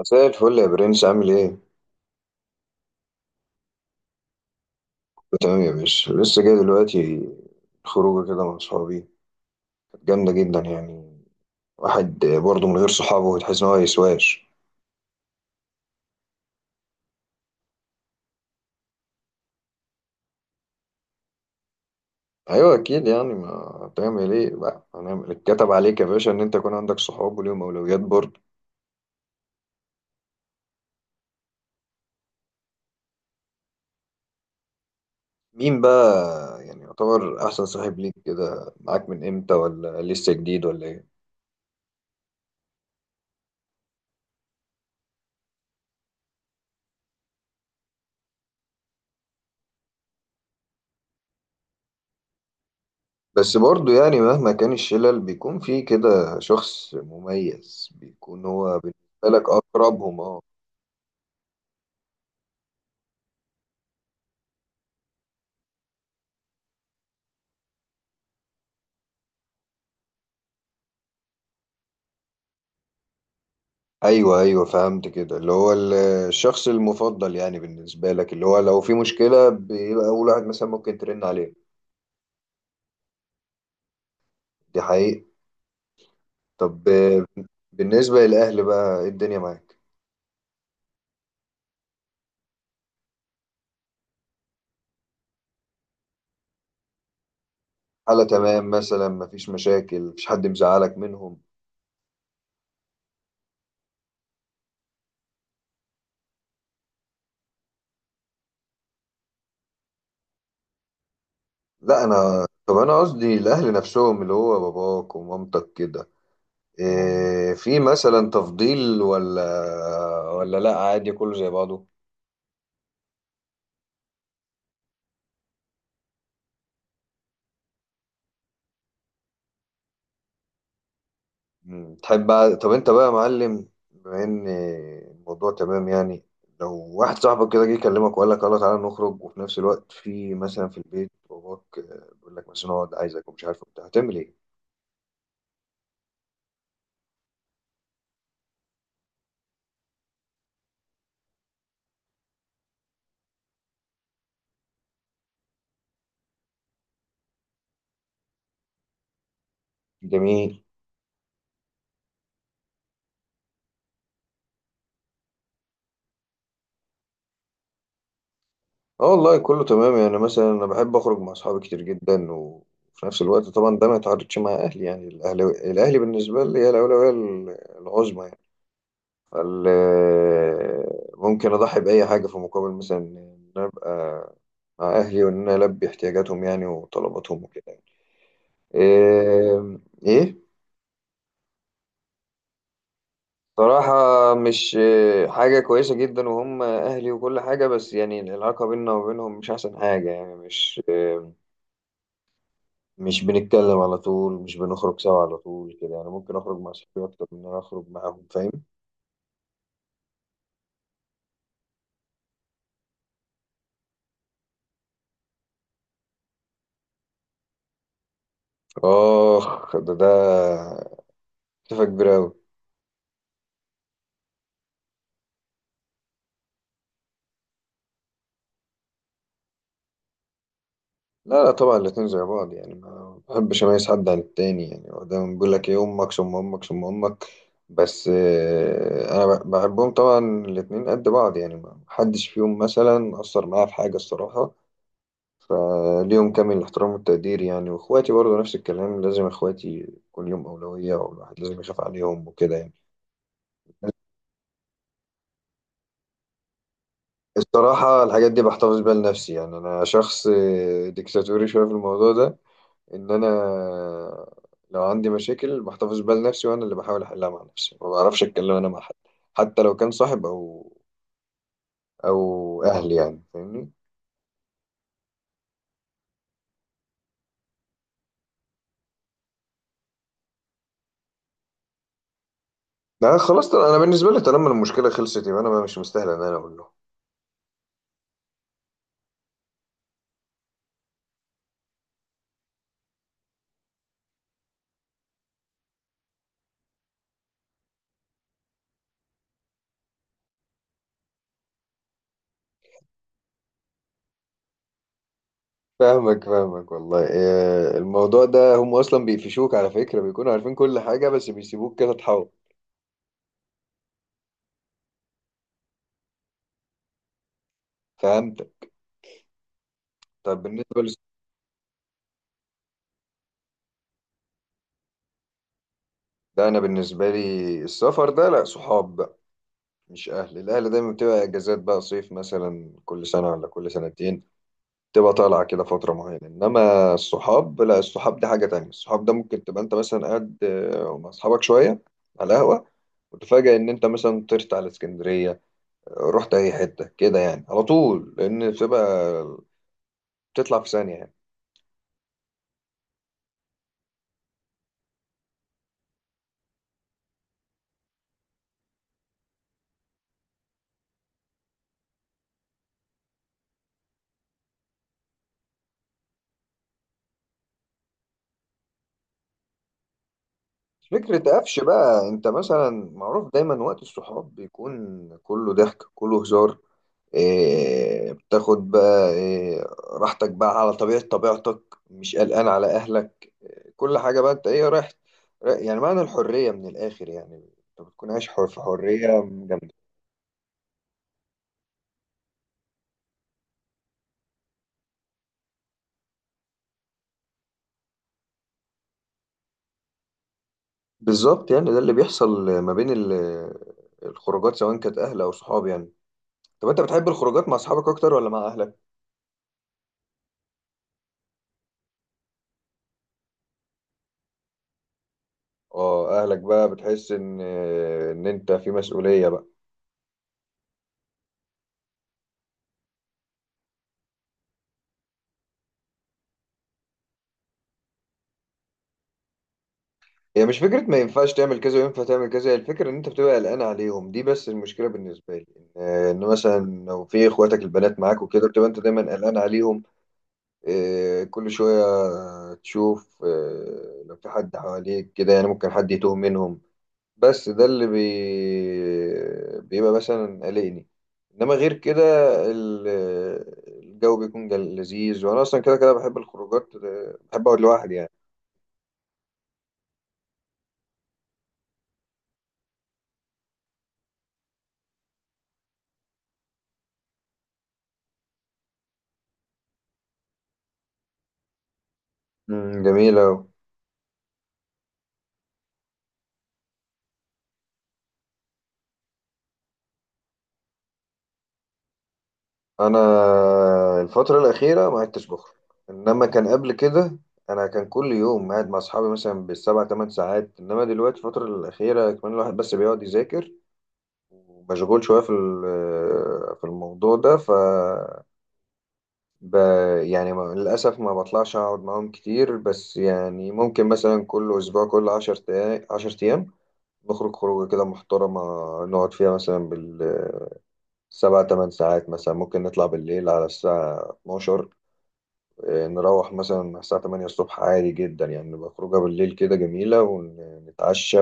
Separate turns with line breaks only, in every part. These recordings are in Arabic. مساء الفل يا برنس، عامل ايه؟ كله تمام يا باشا. لسه جاي دلوقتي خروجه كده مع صحابي كانت جامدة جدا يعني. واحد برضه من غير صحابه تحس ان هو يسواش. ايوه اكيد، يعني ما تعمل ايه بقى؟ هنعمل اتكتب عليك يا باشا ان انت يكون عندك صحاب وليهم اولويات برضه. مين بقى يعني يعتبر احسن صاحب ليك كده؟ معاك من امتى ولا لسه جديد ولا ايه؟ بس برضه يعني مهما كان الشلل بيكون في كده شخص مميز بيكون هو بالنسبة لك اقربهم. اه، ايوه ايوه فهمت كده. اللي هو الشخص المفضل يعني بالنسبه لك، اللي هو لو في مشكله بيبقى اول واحد مثلا ممكن ترن عليه. دي حقيقه. طب بالنسبه للاهل بقى إيه الدنيا معاك؟ حاله تمام؟ مثلا مفيش مشاكل؟ مفيش حد مزعلك منهم؟ لا، انا طب انا قصدي الاهل نفسهم، اللي هو باباك ومامتك كده. إيه، في مثلا تفضيل ولا ولا لا عادي كله زي بعضه؟ مم. تحب بقى؟ طب انت بقى يا معلم، بما ان الموضوع تمام يعني، لو واحد صاحبك كده جه يكلمك وقال لك يلا تعالى نخرج، وفي نفس الوقت في مثلا في البيت باباك بيقول لك مثلا اقعد عايزك ومش عارف وبتاع، هتعمل ايه؟ جميل. اه والله كله تمام يعني. مثلا انا بحب اخرج مع اصحابي كتير جدا، وفي نفس الوقت طبعا ده ما يتعارضش مع اهلي يعني. الاهل بالنسبه لي هي الاولويه العظمى يعني. ال- ممكن أضحي بأي حاجة في مقابل مثلا إن أنا أبقى مع أهلي، وإن أنا ألبي احتياجاتهم يعني وطلباتهم وكده يعني. إيه؟ إيه؟ صراحة مش حاجة كويسة جدا، وهم أهلي وكل حاجة، بس يعني العلاقة بيننا وبينهم مش أحسن حاجة يعني. مش مش بنتكلم على طول، مش بنخرج سوا على طول كده يعني. ممكن أخرج مع صحابي أكتر من إن أنا أخرج معاهم، فاهم؟ آخ، ده تفاهة كبيرة أوي. لا لا طبعا الاتنين زي بعض يعني. ما بحبش اميز حد عن التاني يعني. هو دايما بيقول لك ايه، امك ثم امك ثم امك. بس انا بحبهم طبعا الاتنين قد بعض يعني. ما حدش فيهم مثلا اثر معايا في حاجه الصراحه، فليهم كامل الاحترام والتقدير يعني. واخواتي برضو نفس الكلام. لازم اخواتي كل يوم اولويه، والواحد لازم يخاف عليهم وكده يعني. الصراحه الحاجات دي بحتفظ بيها لنفسي يعني. انا شخص ديكتاتوري شويه في الموضوع ده. ان انا لو عندي مشاكل بحتفظ بيها لنفسي، وانا اللي بحاول احلها مع نفسي. ما بعرفش اتكلم انا مع حد، حتى لو كان صاحب او اهلي يعني، فاهمني؟ لا خلاص طبعا انا بالنسبه لي طالما المشكله خلصت يبقى انا مش مستاهل ان انا اقول له. فاهمك والله. الموضوع ده هم اصلا بيقفشوك على فكره، بيكونوا عارفين كل حاجه بس بيسيبوك كده تحاول. فهمتك. طب بالنسبه لي، ده انا بالنسبه لي السفر ده لا، صحاب بقى مش اهل. الاهل دايما بتبقى اجازات بقى، صيف مثلا كل سنه ولا كل سنتين، تبقى طالعة كده فترة معينة. إنما الصحاب لا، الصحاب دي حاجة تانية. الصحاب ده ممكن تبقى أنت مثلا قاعد مع أصحابك شوية على القهوة وتفاجأ إن أنت مثلا طرت على اسكندرية، رحت أي حتة كده يعني على طول، لأن بتبقى بتطلع في ثانية يعني. فكرة قفش بقى، أنت مثلا معروف دايما وقت الصحاب بيكون كله ضحك كله هزار. إيه، بتاخد بقى إيه، راحتك بقى على طبيعة طبيعتك، مش قلقان على أهلك، كل حاجة بقى. انت ايه، يعني معنى الحرية من الآخر يعني. انت بتكون عايش حر في حرية جامدة. بالظبط، يعني ده اللي بيحصل ما بين الخروجات سواء كانت أهل أو صحاب يعني. طب انت بتحب الخروجات مع أصحابك أكتر ولا مع أهلك؟ اه، أهلك بقى بتحس إن أنت في مسؤولية بقى. هي مش فكرة ما ينفعش تعمل كذا وينفع تعمل كذا، هي الفكرة إن أنت بتبقى قلقان عليهم، دي بس المشكلة بالنسبة لي. إن مثلا لو في إخواتك البنات معاك وكده بتبقى أنت دايما قلقان عليهم. كل شوية تشوف لو في حد حواليك كده يعني، ممكن حد يتوه منهم. بس ده اللي بيبقى مثلا قلقني. إنما غير كده ال- الجو بيكون لذيذ، وأنا أصلا كده كده بحب الخروجات. بحب أقعد لوحدي يعني. مم، جميل أوي. أنا الفترة الأخيرة ما عدتش بخرج، إنما كان قبل كده أنا كان كل يوم قاعد مع أصحابي مثلا بالسبع تمن ساعات. إنما دلوقتي الفترة الأخيرة كمان الواحد بس بيقعد يذاكر، ومشغول شوية في في الموضوع ده، ب... يعني للأسف ما بطلعش أقعد معاهم كتير. بس يعني ممكن مثلا كل أسبوع، كل عشر أيام، نخرج خروجة كده محترمة نقعد فيها مثلا بالسبع تمن ساعات. مثلا ممكن نطلع بالليل على الساعة 12، نروح مثلا على الساعة 8 الصبح عادي جدا يعني. نبقى خروجة بالليل كده جميلة، ونتعشى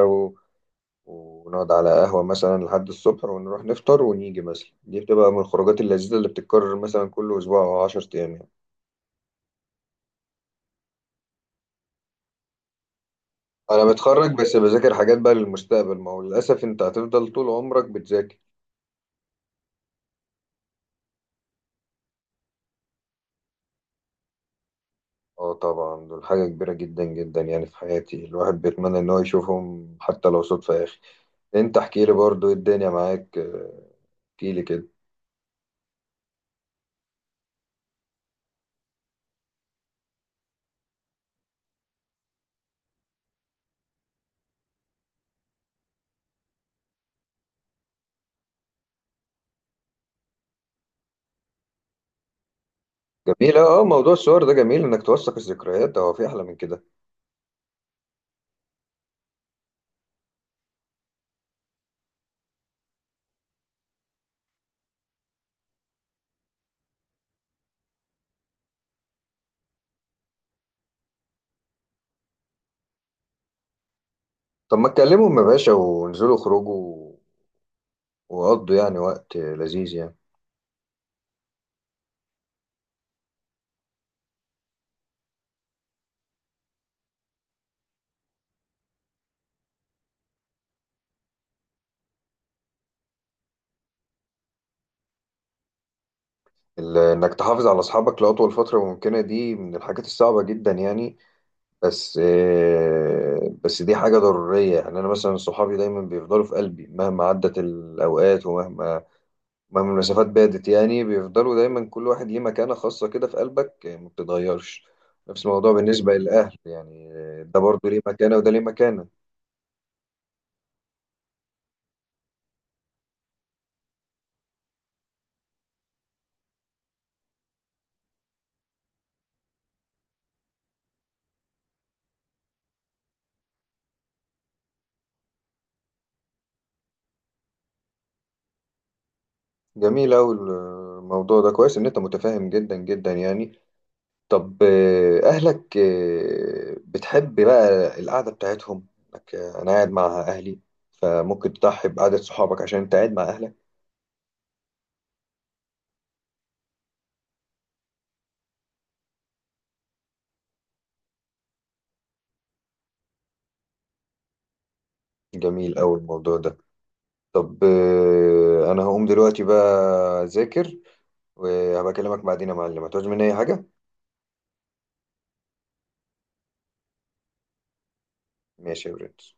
ونقعد على قهوة مثلا لحد الصبح، ونروح نفطر ونيجي. مثلا دي بتبقى من الخروجات اللذيذة اللي بتتكرر مثلا كل أسبوع أو 10 أيام يعني. أنا متخرج بس بذاكر حاجات بقى للمستقبل، ما هو للأسف أنت هتفضل طول عمرك بتذاكر. اه طبعا دول حاجة كبيرة جدا جدا يعني في حياتي. الواحد بيتمنى إن هو يشوفهم حتى لو صدفة يا أخي. أنت احكي لي برضو إيه الدنيا معاك، احكي لي كده. جميل. اه، موضوع الصور ده جميل، انك توثق الذكريات، هو في احلى من كده؟ طب ما تكلمهم يا باشا، وانزلوا اخرجوا وقضوا يعني وقت لذيذ يعني. انك تحافظ على اصحابك لاطول فتره ممكنه دي من الحاجات الصعبه جدا يعني. بس بس دي حاجه ضروريه يعني. انا مثلا صحابي دايما بيفضلوا في قلبي مهما عدت الاوقات، ومهما المسافات بعدت يعني. بيفضلوا دايما، كل واحد ليه مكانه خاصه كده في قلبك، ما بتتغيرش. نفس الموضوع بالنسبه للاهل يعني، ده برضو ليه مكانه، وده ليه مكانه. جميل أوي الموضوع ده، كويس إن أنت متفاهم جدا جدا يعني. طب أهلك بتحب بقى القعدة بتاعتهم؟ إنك، أنا قاعد مع أهلي، فممكن تضحي بقعدة صحابك عشان أنت قاعد مع أهلك. جميل أوي الموضوع ده. طب أنا هقوم دلوقتي بقى أذاكر، وهبقى أكلمك بعدين يا معلم. هتعوز مني أي حاجة؟ ماشي يا برنس.